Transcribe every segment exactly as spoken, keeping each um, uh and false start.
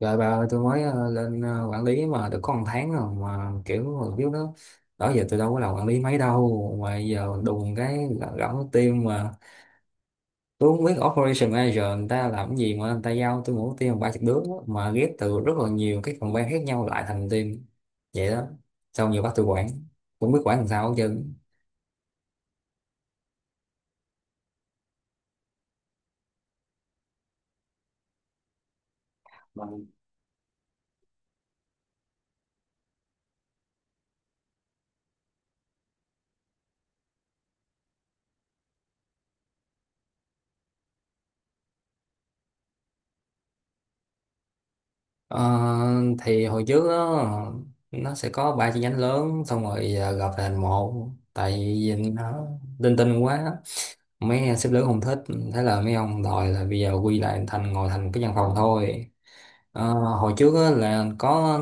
Rồi bà ơi, tôi mới ờ, lên ờ, quản lý mà được có một tháng rồi mà kiểu mà biết đó, đó giờ tôi đâu có làm quản lý mấy đâu mà giờ đùng cái gõ team mà tôi không biết operation manager người ta làm cái gì mà người ta giao tôi mỗi team ba chục đứa mà ghép từ rất là nhiều cái phòng ban khác nhau lại thành team vậy đó. Xong giờ bắt tôi quản, cũng biết quản làm sao hết trơn. Vâng. Ờ, thì hồi trước đó, nó sẽ có ba chi nhánh lớn xong rồi giờ gộp thành một, tại vì nó linh tinh quá, mấy sếp lớn không thích, thế là mấy ông đòi là bây giờ quy lại thành ngồi thành cái văn phòng thôi. Ờ, hồi trước á, là có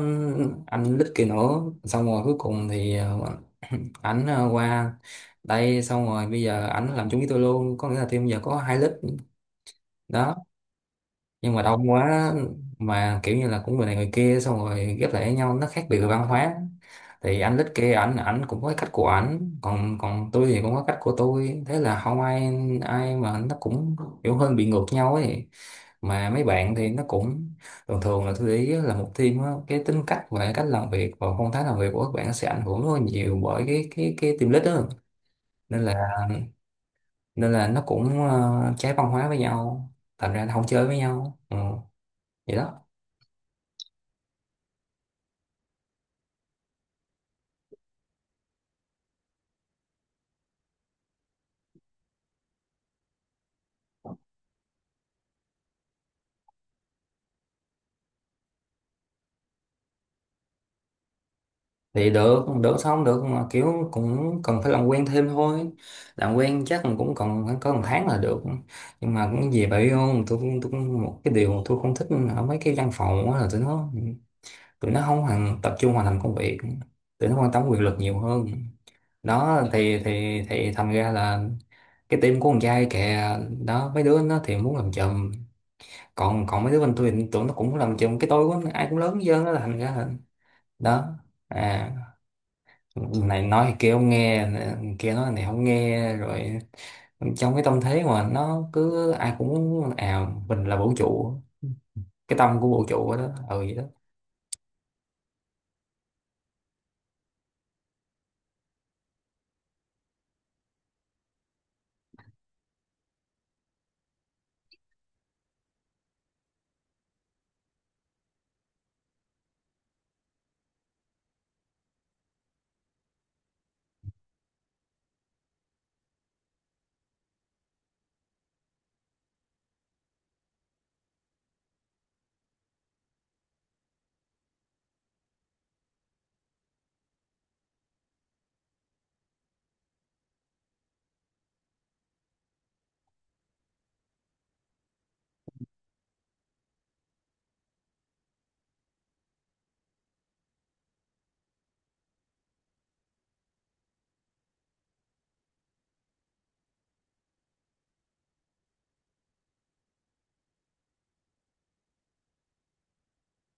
anh Lít kia nữa xong rồi cuối cùng thì ờ, ảnh ờ, qua đây xong rồi bây giờ ảnh làm chung với tôi luôn, có nghĩa là team giờ có hai Lít đó. Nhưng mà đông quá, mà kiểu như là cũng người này người kia xong rồi ghép lại với nhau nó khác biệt về văn hóa. Thì anh lít kia ảnh ảnh cũng có cái cách của ảnh, còn còn tôi thì cũng có cách của tôi, thế là không ai ai mà nó cũng kiểu hơi bị ngược nhau ấy. Mà mấy bạn thì nó cũng thường thường là tôi để ý á, là một team á, cái tính cách và cách làm việc và phong thái làm việc của các bạn sẽ ảnh hưởng rất là nhiều bởi cái cái cái team lead đó. Nên là nên là nó cũng ờ, trái văn hóa với nhau, thành ra nó không chơi với nhau. Ừ, vậy đó. Thì được, được sao không được, mà kiểu cũng cần phải làm quen thêm thôi. Làm quen chắc là cũng còn khoảng có một tháng là được. Nhưng mà cũng gì vậy không, tôi cũng- tôi cũng- một cái điều mà tôi không thích ở mấy cái văn phòng á là tụi nó tụi nó không hoàn tập trung vào làm công việc, tụi nó quan tâm quyền lực nhiều hơn. Đó thì thì thì thành ra là cái team của con trai kìa, đó mấy đứa nó thì muốn làm chùm, còn còn mấy đứa bên tôi thì tụi nó cũng muốn làm chùm, cái tôi của nó ai cũng lớn hết trơn đó, thành ra là đó. À, này nói thì kia không nghe, kia nói này không nghe rồi. Trong cái tâm thế mà nó cứ ai cũng à mình là vũ trụ, cái tâm của vũ trụ đó. Ừ vậy đó.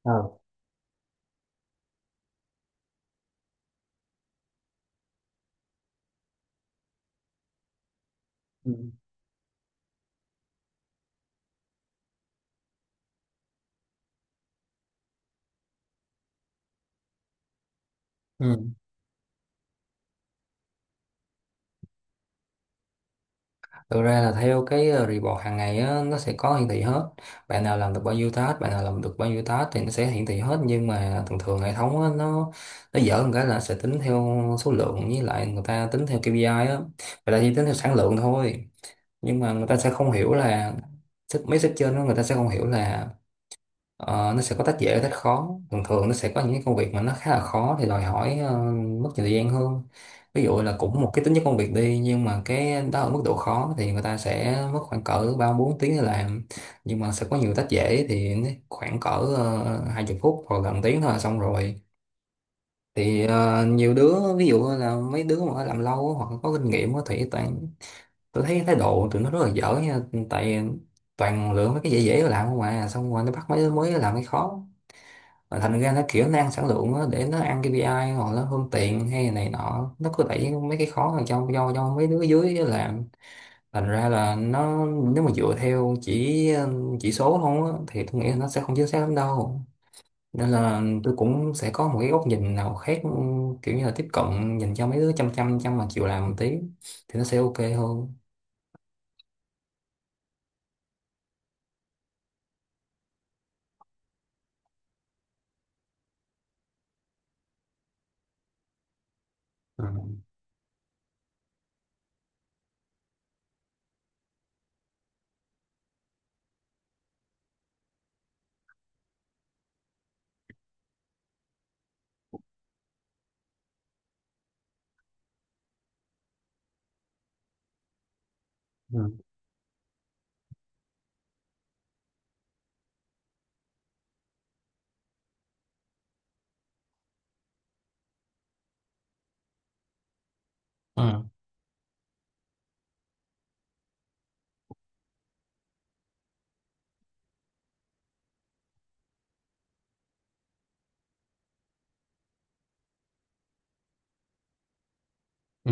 Ờ. Ừ. Ừ. Thực ra là theo cái ờ, report hàng ngày á, nó sẽ có hiển thị hết, bạn nào làm được bao nhiêu task, bạn nào làm được bao nhiêu task thì nó sẽ hiển thị hết. Nhưng mà thường thường hệ thống á, nó nó dở một cái là sẽ tính theo số lượng, với lại người ta tính theo ca pê i á, người ta chỉ tính theo sản lượng thôi. Nhưng mà người ta sẽ không hiểu là sách mấy sách trên đó người ta sẽ không hiểu là ờ, nó sẽ có tách dễ tách khó. Thường thường nó sẽ có những cái công việc mà nó khá là khó thì đòi hỏi ờ, mất nhiều thời gian hơn. Ví dụ là cũng một cái tính chất công việc đi nhưng mà cái đó ở mức độ khó thì người ta sẽ mất khoảng cỡ ba bốn tiếng để làm. Nhưng mà sẽ có nhiều tách dễ thì nó khoảng cỡ uh, hai chục phút hoặc gần tiếng thôi là xong rồi. Thì ờ, nhiều đứa ví dụ là mấy đứa mà làm lâu hoặc có kinh nghiệm á, thì toàn, tôi thấy thái độ tụi nó rất là dở nha, tại toàn lựa mấy cái dễ dễ làm không à, xong rồi nó bắt mấy đứa mới làm cái khó. Mà thành ra nó kiểu nó ăn sản lượng á, để nó ăn ca pê i hoặc nó hơn tiền hay này nọ, nó cứ đẩy mấy cái khó vào cho cho cho mấy đứa dưới làm. Thành ra là nó nếu mà dựa theo chỉ chỉ số không á, thì tôi nghĩ là nó sẽ không chính xác lắm đâu. Nên là tôi cũng sẽ có một cái góc nhìn nào khác, kiểu như là tiếp cận nhìn cho mấy đứa chăm chăm chăm mà chịu làm một tí thì nó sẽ ok hơn. Ừ. Ừ. Ừ.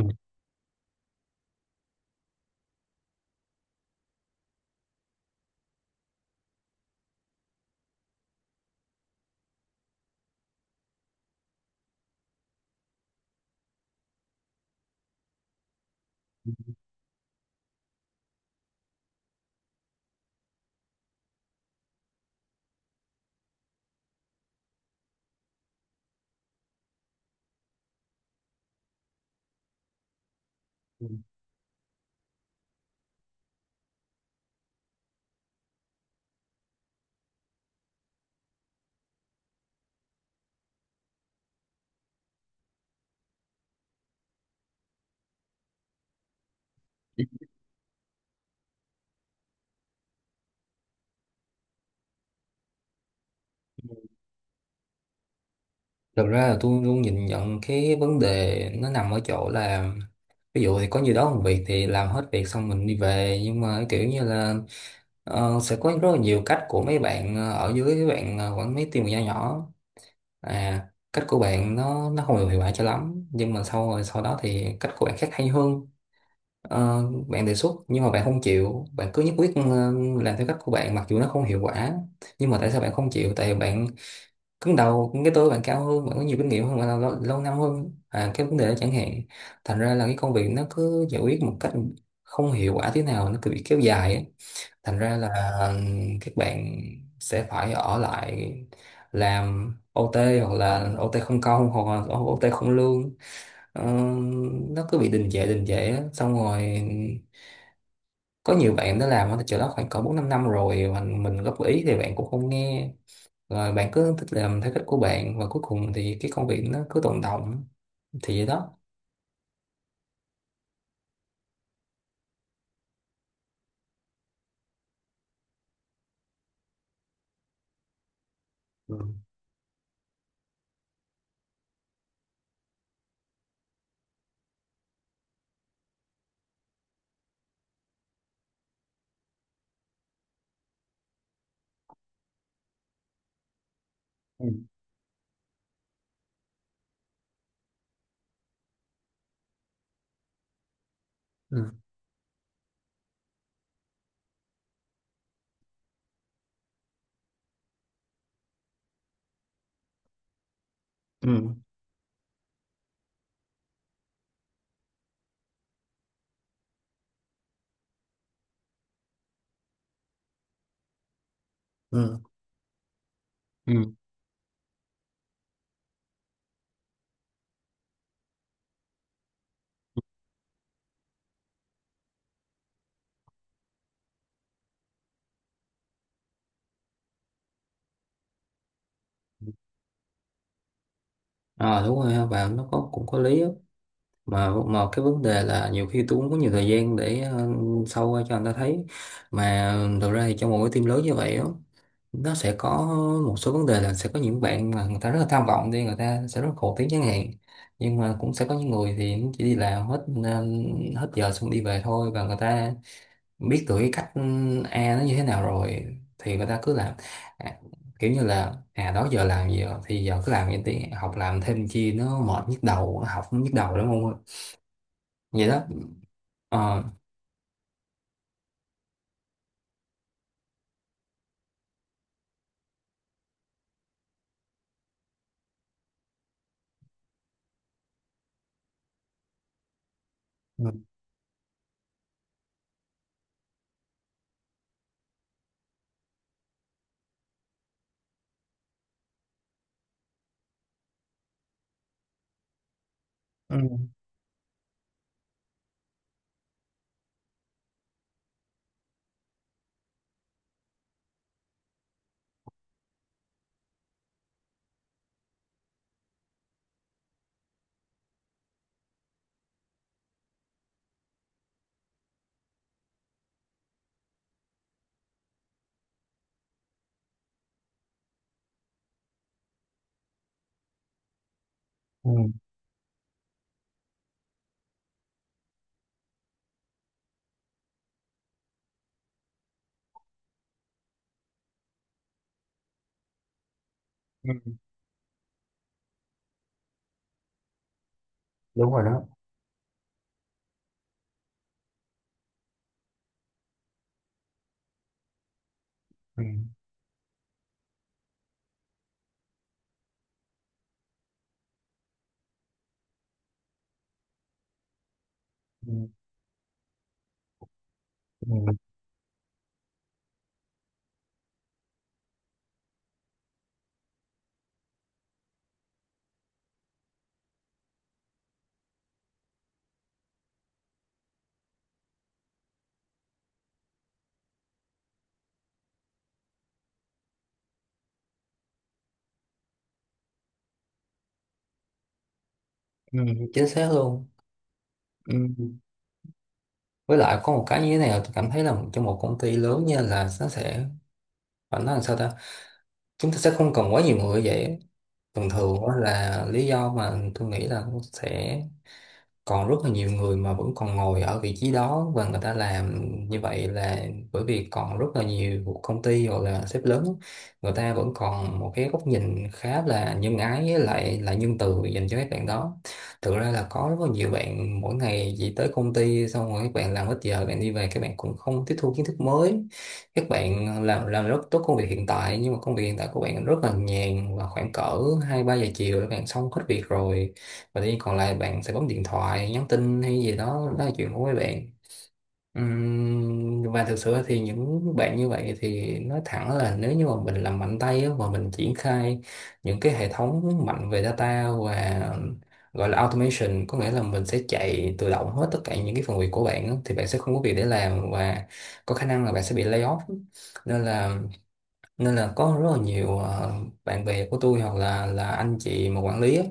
Thực ra là tôi luôn nhìn nhận cái vấn đề nó nằm ở chỗ là ví dụ thì có nhiều đó công việc thì làm hết việc xong mình đi về, nhưng mà kiểu như là ờ, sẽ có rất là nhiều cách của mấy bạn ờ, ở dưới, mấy bạn ờ, quản mấy team nhỏ nhỏ. À, cách của bạn nó nó không được hiệu quả cho lắm, nhưng mà sau rồi sau đó thì cách của bạn khác hay hơn. Ờ, Bạn đề xuất nhưng mà bạn không chịu, bạn cứ nhất quyết ờ, làm theo cách của bạn mặc dù nó không hiệu quả. Nhưng mà tại sao bạn không chịu, tại bạn cứng đầu, cũng cái tôi bạn cao hơn, bạn có nhiều kinh nghiệm hơn, bạn là lâu, lâu năm hơn, à cái vấn đề đó chẳng hạn. Thành ra là cái công việc nó cứ giải quyết một cách không hiệu quả, thế nào nó cứ bị kéo dài ấy. Thành ra là ừm, các bạn sẽ phải ở lại làm o tê, hoặc là o tê không công hoặc là o tê không lương. Ờ, nó cứ bị đình trệ đình trệ á. Xong rồi có nhiều bạn đã làm ở chỗ đó khoảng cỡ bốn năm năm rồi mà mình góp ý thì bạn cũng không nghe, rồi bạn cứ thích làm theo cách của bạn và cuối cùng thì cái công việc nó cứ tồn đọng. Thì vậy đó. Ừ. Ừ. Ừ. Ừ. Ừ. Ừ. À đúng rồi ha, bạn nó có cũng có lý á. mà mà cái vấn đề là nhiều khi tôi cũng có nhiều thời gian để ờ, sâu ra cho anh ta thấy. Mà thực ra thì trong một cái team lớn như vậy á, nó sẽ có một số vấn đề là sẽ có những bạn mà người ta rất là tham vọng đi, người ta sẽ rất là khổ tiếng chẳng hạn. Nhưng mà cũng sẽ có những người thì chỉ đi làm hết ờ, hết giờ xong đi về thôi, và người ta biết được cái cách ừ, A nó như thế nào rồi thì người ta cứ làm. À, kiểu như là à đó giờ làm gì rồi thì giờ cứ làm vậy đi, học làm thêm chi nó mệt nhức đầu, học cũng nhức đầu đúng không. Vậy đó. Ờ. Ừ. Ừ. Ừ. Ừ, đúng rồi đó. Ừ. Ừ. Ừ. Ừ, chính xác luôn. Ừ, với lại có một cái như thế này là tôi cảm thấy là trong một công ty lớn nha, là nó sẽ phải nói làm sao ta, chúng ta sẽ không cần quá nhiều người vậy. Thường thường á là lý do mà tôi nghĩ là nó sẽ còn rất là nhiều người mà vẫn còn ngồi ở vị trí đó và người ta làm như vậy là bởi vì còn rất là nhiều công ty hoặc là sếp lớn người ta vẫn còn một cái góc nhìn khá là nhân ái với lại là nhân từ dành cho các bạn đó. Thực ra là có rất là nhiều bạn mỗi ngày chỉ tới công ty xong rồi các bạn làm hết giờ bạn đi về, các bạn cũng không tiếp thu kiến thức mới. Các bạn làm làm rất tốt công việc hiện tại nhưng mà công việc hiện tại của bạn rất là nhàn, và khoảng cỡ hai ba giờ chiều các bạn xong hết việc rồi, và thì còn lại bạn sẽ bấm điện thoại, nhắn tin hay gì đó, đó là chuyện của mấy bạn. Ừm, và thực sự thì những bạn như vậy thì nói thẳng là nếu như mà mình làm mạnh tay á, mà mình triển khai những cái hệ thống mạnh về data và gọi là automation, có nghĩa là mình sẽ chạy tự động hết tất cả những cái phần việc của bạn á, thì bạn sẽ không có việc để làm, và có khả năng là bạn sẽ bị lay off. Nên là nên là có rất là nhiều ờ, bạn bè của tôi hoặc là là anh chị mà quản lý á,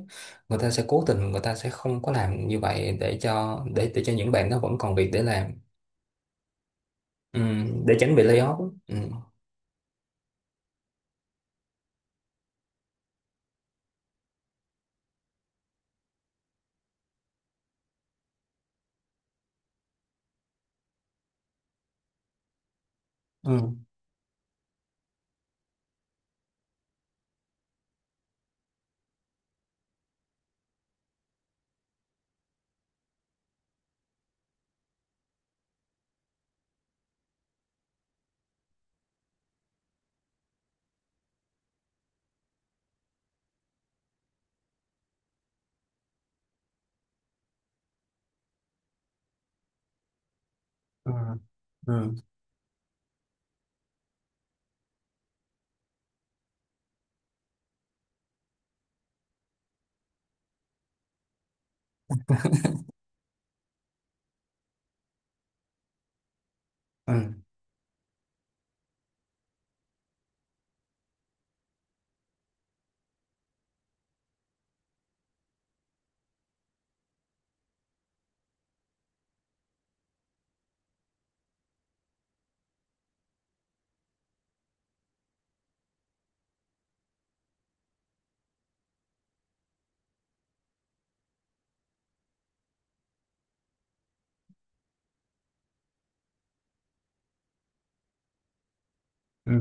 người ta sẽ cố tình, người ta sẽ không có làm như vậy để cho để để cho những bạn đó vẫn còn việc để làm. Ừ, để tránh bị layoff. Ừ. Ừ. Ừ. Ừ. Ừ. Ừ.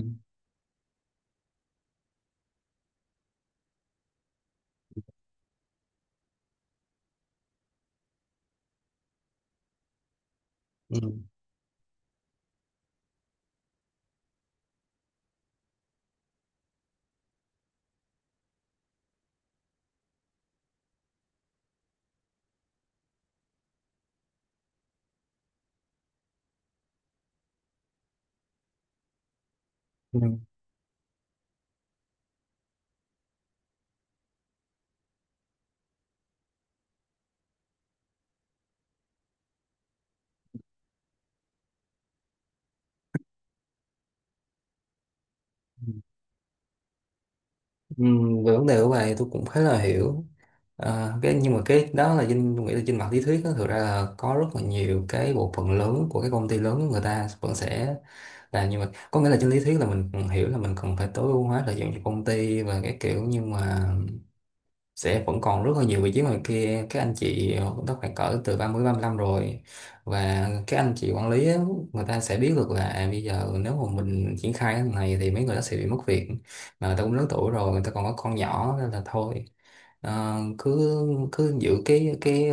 Ừ. Ừ. Ừm, về vấn đề của bạn thì tôi cũng khá là hiểu. À, cái nhưng mà cái đó là trên tôi nghĩ là trên mặt lý thuyết đó, thực ra là có rất là nhiều cái bộ phận lớn của các công ty lớn người ta vẫn sẽ là, nhưng mà có nghĩa là trên lý thuyết là mình cần hiểu là mình cần phải tối ưu hóa lợi dụng cho công ty và cái kiểu. Nhưng mà sẽ vẫn còn rất là nhiều vị trí ngoài kia, các anh chị đó khoảng cỡ từ ba ba mươi ba mươi lăm rồi, và các anh chị quản lý á, người ta sẽ biết được là à, bây giờ nếu mà mình triển khai cái này thì mấy người đó sẽ bị mất việc, mà người ta cũng lớn tuổi rồi, người ta còn có con nhỏ nên là thôi. Ờ, cứ cứ giữ cái cái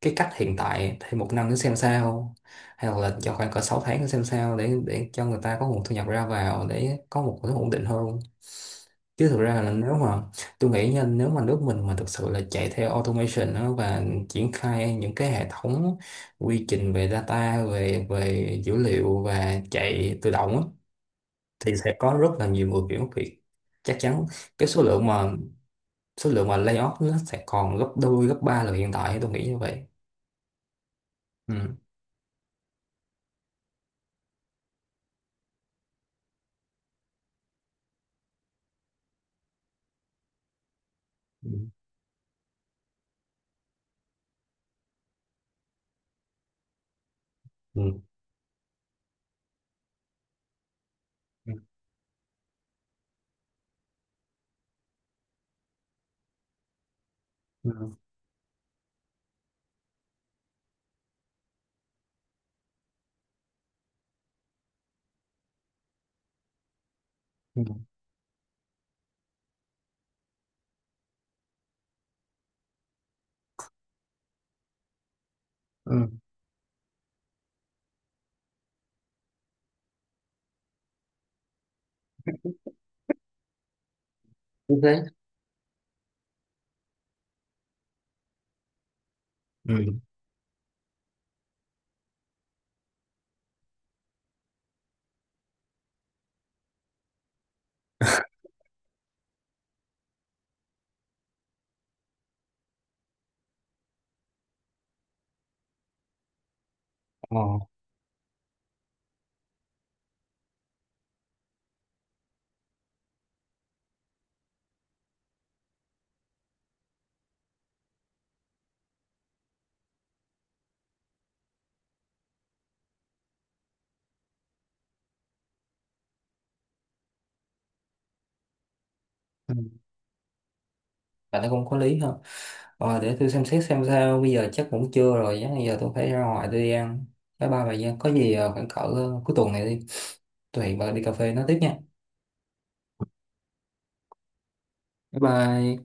cái cách hiện tại thêm một năm nữa xem sao, hay là cho khoảng cỡ sáu tháng nữa xem sao, để để cho người ta có nguồn thu nhập ra vào để có một cái ổn định hơn. Chứ thực ra là nếu mà tôi nghĩ nha, nếu mà nước mình mà thực sự là chạy theo automation đó và triển khai những cái hệ thống quy trình về data về về dữ liệu và chạy tự động á, thì sẽ có rất là nhiều người chuyển việc, chắc chắn. Cái số lượng mà số lượng mà layoff nó sẽ còn gấp đôi gấp ba lần hiện tại, tôi nghĩ như vậy. Ừ. Ừ. Ừ. Ừ. Ừ. Ừ. Ừ. Như thế. Ừ. Ờ. Ừ. Bạn thấy cũng có lý ha. Ờ, để tôi xem xét xem sao, bây giờ chắc cũng trưa rồi, chắc bây giờ tôi phải ra ngoài tôi đi ăn. Bye bye bà Giang, có gì ờ, khoảng cỡ ờ, cuối tuần này đi, tôi hẹn bà đi cà phê nói tiếp nha. Bye bye.